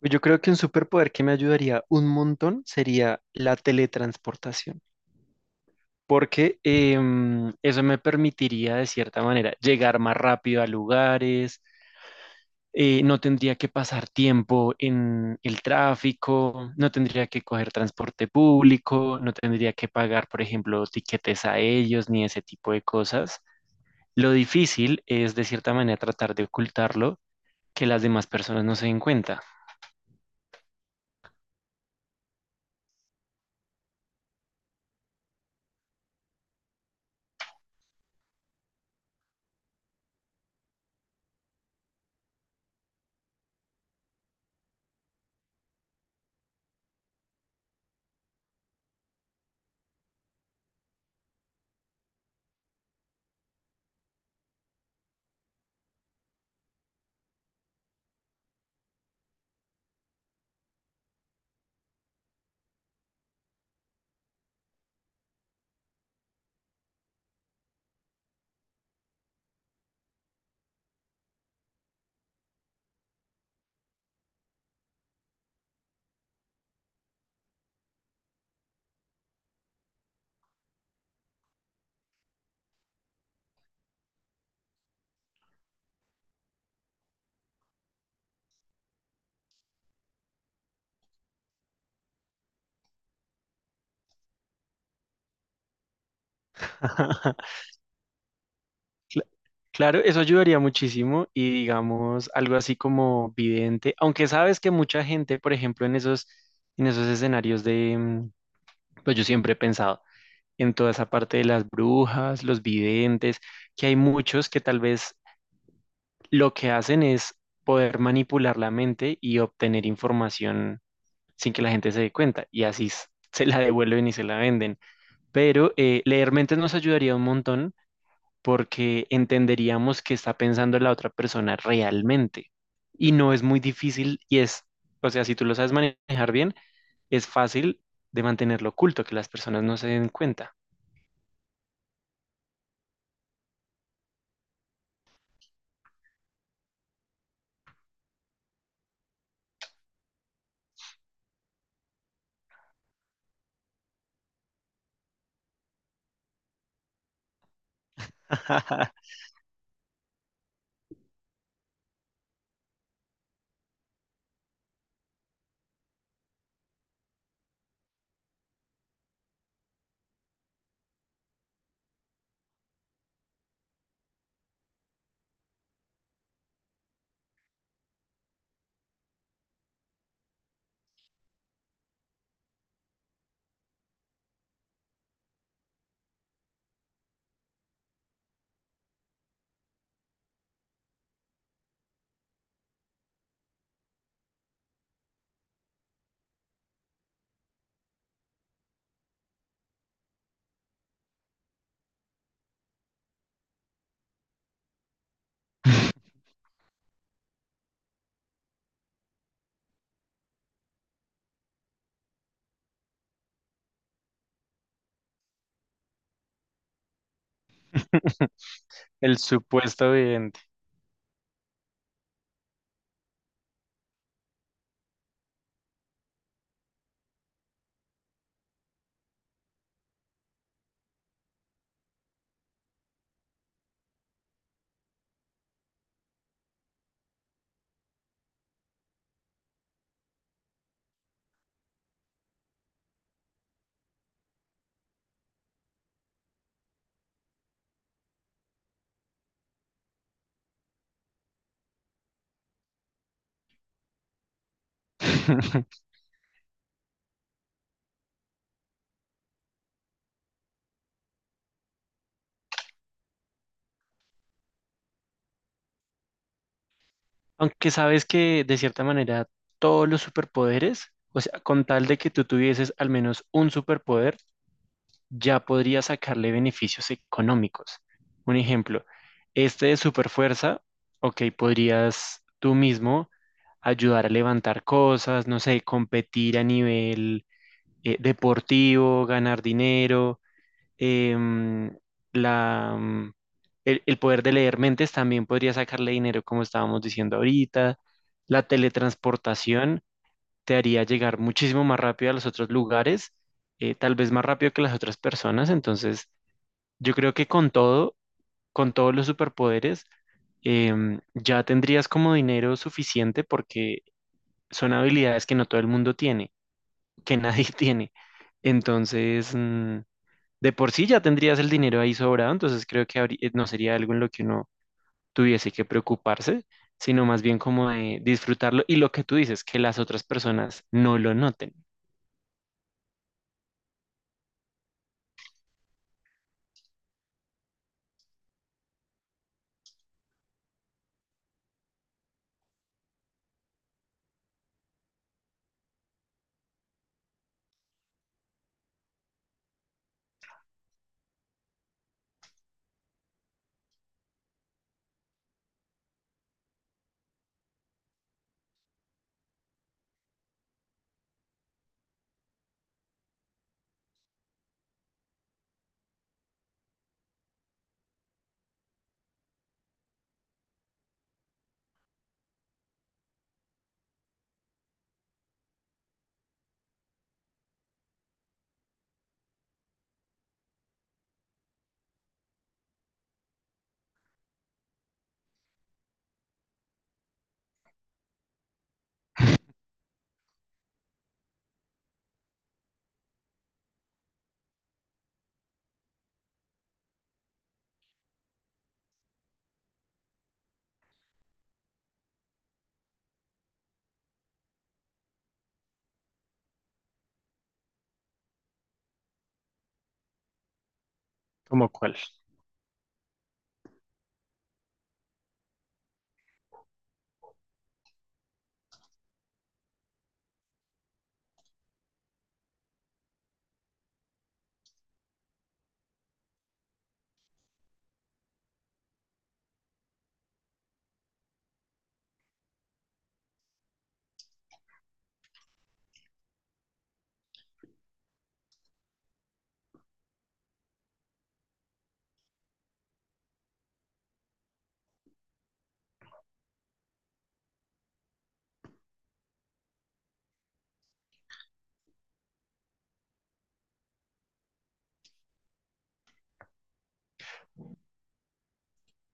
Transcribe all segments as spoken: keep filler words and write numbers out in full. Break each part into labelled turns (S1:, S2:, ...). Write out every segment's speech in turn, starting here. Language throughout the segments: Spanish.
S1: Pues yo creo que un superpoder que me ayudaría un montón sería la teletransportación, porque em, eso me permitiría de cierta manera llegar más rápido a lugares, eh, no tendría que pasar tiempo en el tráfico, no tendría que coger transporte público, no tendría que pagar, por ejemplo, tiquetes a ellos ni ese tipo de cosas. Lo difícil es de cierta manera tratar de ocultarlo, que las demás personas no se den cuenta. Claro, eso ayudaría muchísimo y digamos algo así como vidente, aunque sabes que mucha gente, por ejemplo, en esos, en esos escenarios de, mm, pues yo siempre he pensado en toda esa parte de las brujas, los videntes, que hay muchos que tal vez lo que hacen es poder manipular la mente y obtener información sin que la gente se dé cuenta y así s- se la devuelven y se la venden. Pero eh, leer mentes nos ayudaría un montón porque entenderíamos qué está pensando la otra persona realmente. Y no es muy difícil y es, o sea, si tú lo sabes manejar bien, es fácil de mantenerlo oculto, que las personas no se den cuenta. El supuesto evidente. Aunque sabes que de cierta manera todos los superpoderes, o sea, con tal de que tú tuvieses al menos un superpoder, ya podría sacarle beneficios económicos. Un ejemplo, este de superfuerza, ok, podrías tú mismo ayudar a levantar cosas, no sé, competir a nivel eh, deportivo, ganar dinero, em, la, mm, el, el poder de leer mentes también podría sacarle dinero, como estábamos diciendo ahorita. La teletransportación te haría llegar muchísimo más rápido a los otros lugares, eh, tal vez más rápido que las otras personas, entonces yo creo que con todo, con todos los superpoderes, em, ya tendrías como dinero suficiente porque son habilidades que no todo el mundo tiene, que nadie tiene. Entonces, mm, de por sí ya tendrías el dinero ahí sobrado, entonces creo que habrí- eh, no sería algo en lo que uno tuviese que preocuparse, sino más bien como de disfrutarlo y lo que tú dices, que las otras personas no lo noten. ¿Como cuál?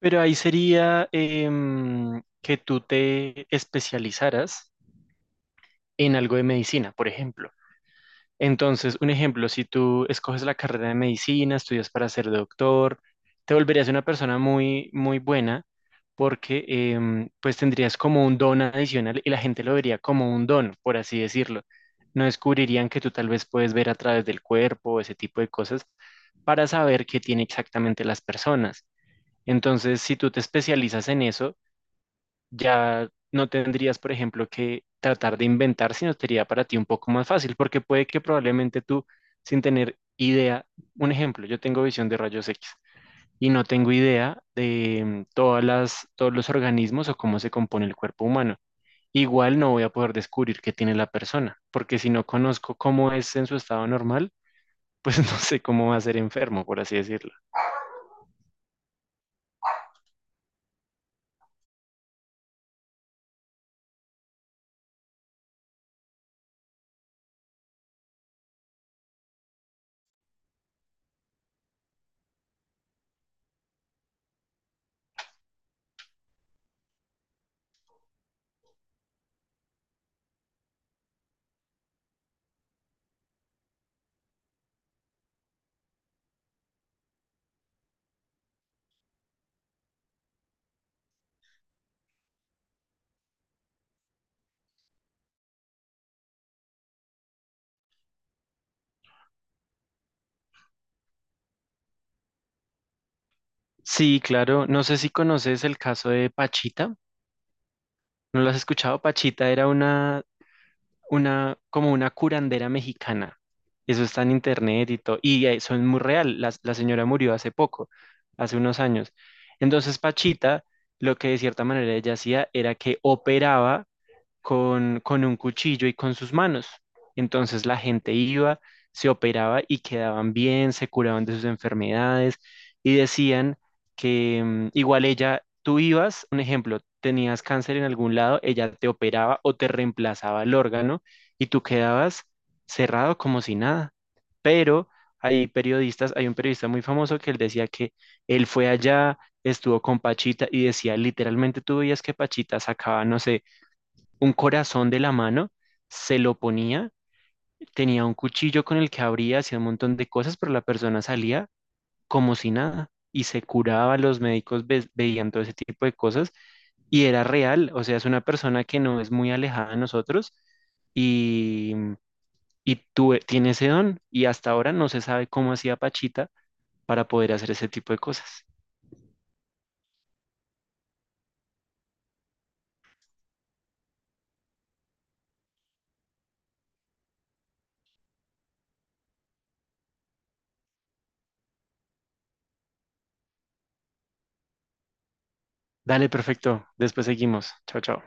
S1: Pero ahí sería em, que tú te especializaras en algo de medicina, por ejemplo. Entonces, un ejemplo, si tú escoges la carrera de medicina, estudias para ser doctor, te volverías una persona muy, muy buena porque em, pues tendrías como un don adicional y la gente lo vería como un don, por así decirlo. No descubrirían que tú tal vez puedes ver a través del cuerpo, ese tipo de cosas, para saber qué tiene exactamente las personas. Entonces, si tú te especializas en eso, ya no tendrías, por ejemplo, que tratar de inventar, sino sería para ti un poco más fácil, porque puede que probablemente tú, sin tener idea, un ejemplo, yo tengo visión de rayos equis y no tengo idea de mm, todas las, todos los organismos o cómo se compone el cuerpo humano. Igual no voy a poder descubrir qué tiene la persona, porque si no conozco cómo es en su estado normal, pues no sé cómo va a ser enfermo, por así decirlo. Sí, claro, no sé si conoces el caso de Pachita, ¿no lo has escuchado? Pachita era una una, como una curandera mexicana. Eso está en internet y todo. Y eso es muy real. La, la señora murió hace poco, hace unos años. Entonces, Pachita, lo que de cierta manera ella hacía era que operaba con, con un cuchillo y con sus manos. Entonces la gente iba, se operaba y quedaban bien, se curaban de sus enfermedades y decían que mm, igual ella, tú ibas, un ejemplo, tenías cáncer en algún lado, ella te operaba o te reemplazaba el órgano y tú quedabas cerrado como si nada. Pero hay periodistas, hay un periodista muy famoso que él decía que él fue allá, estuvo con Pachita y decía, literalmente tú veías que Pachita sacaba, no sé, un corazón de la mano, se lo ponía, tenía un cuchillo con el que abría, hacía un montón de cosas, pero la persona salía como si nada y se curaba, los médicos ve- veían todo ese tipo de cosas y era real, o sea, es una persona que no es muy alejada de nosotros y, y tuve- tiene ese don y hasta ahora no se sabe cómo hacía Pachita para poder hacer ese tipo de cosas. Dale, perfecto, después seguimos. Chao, chao.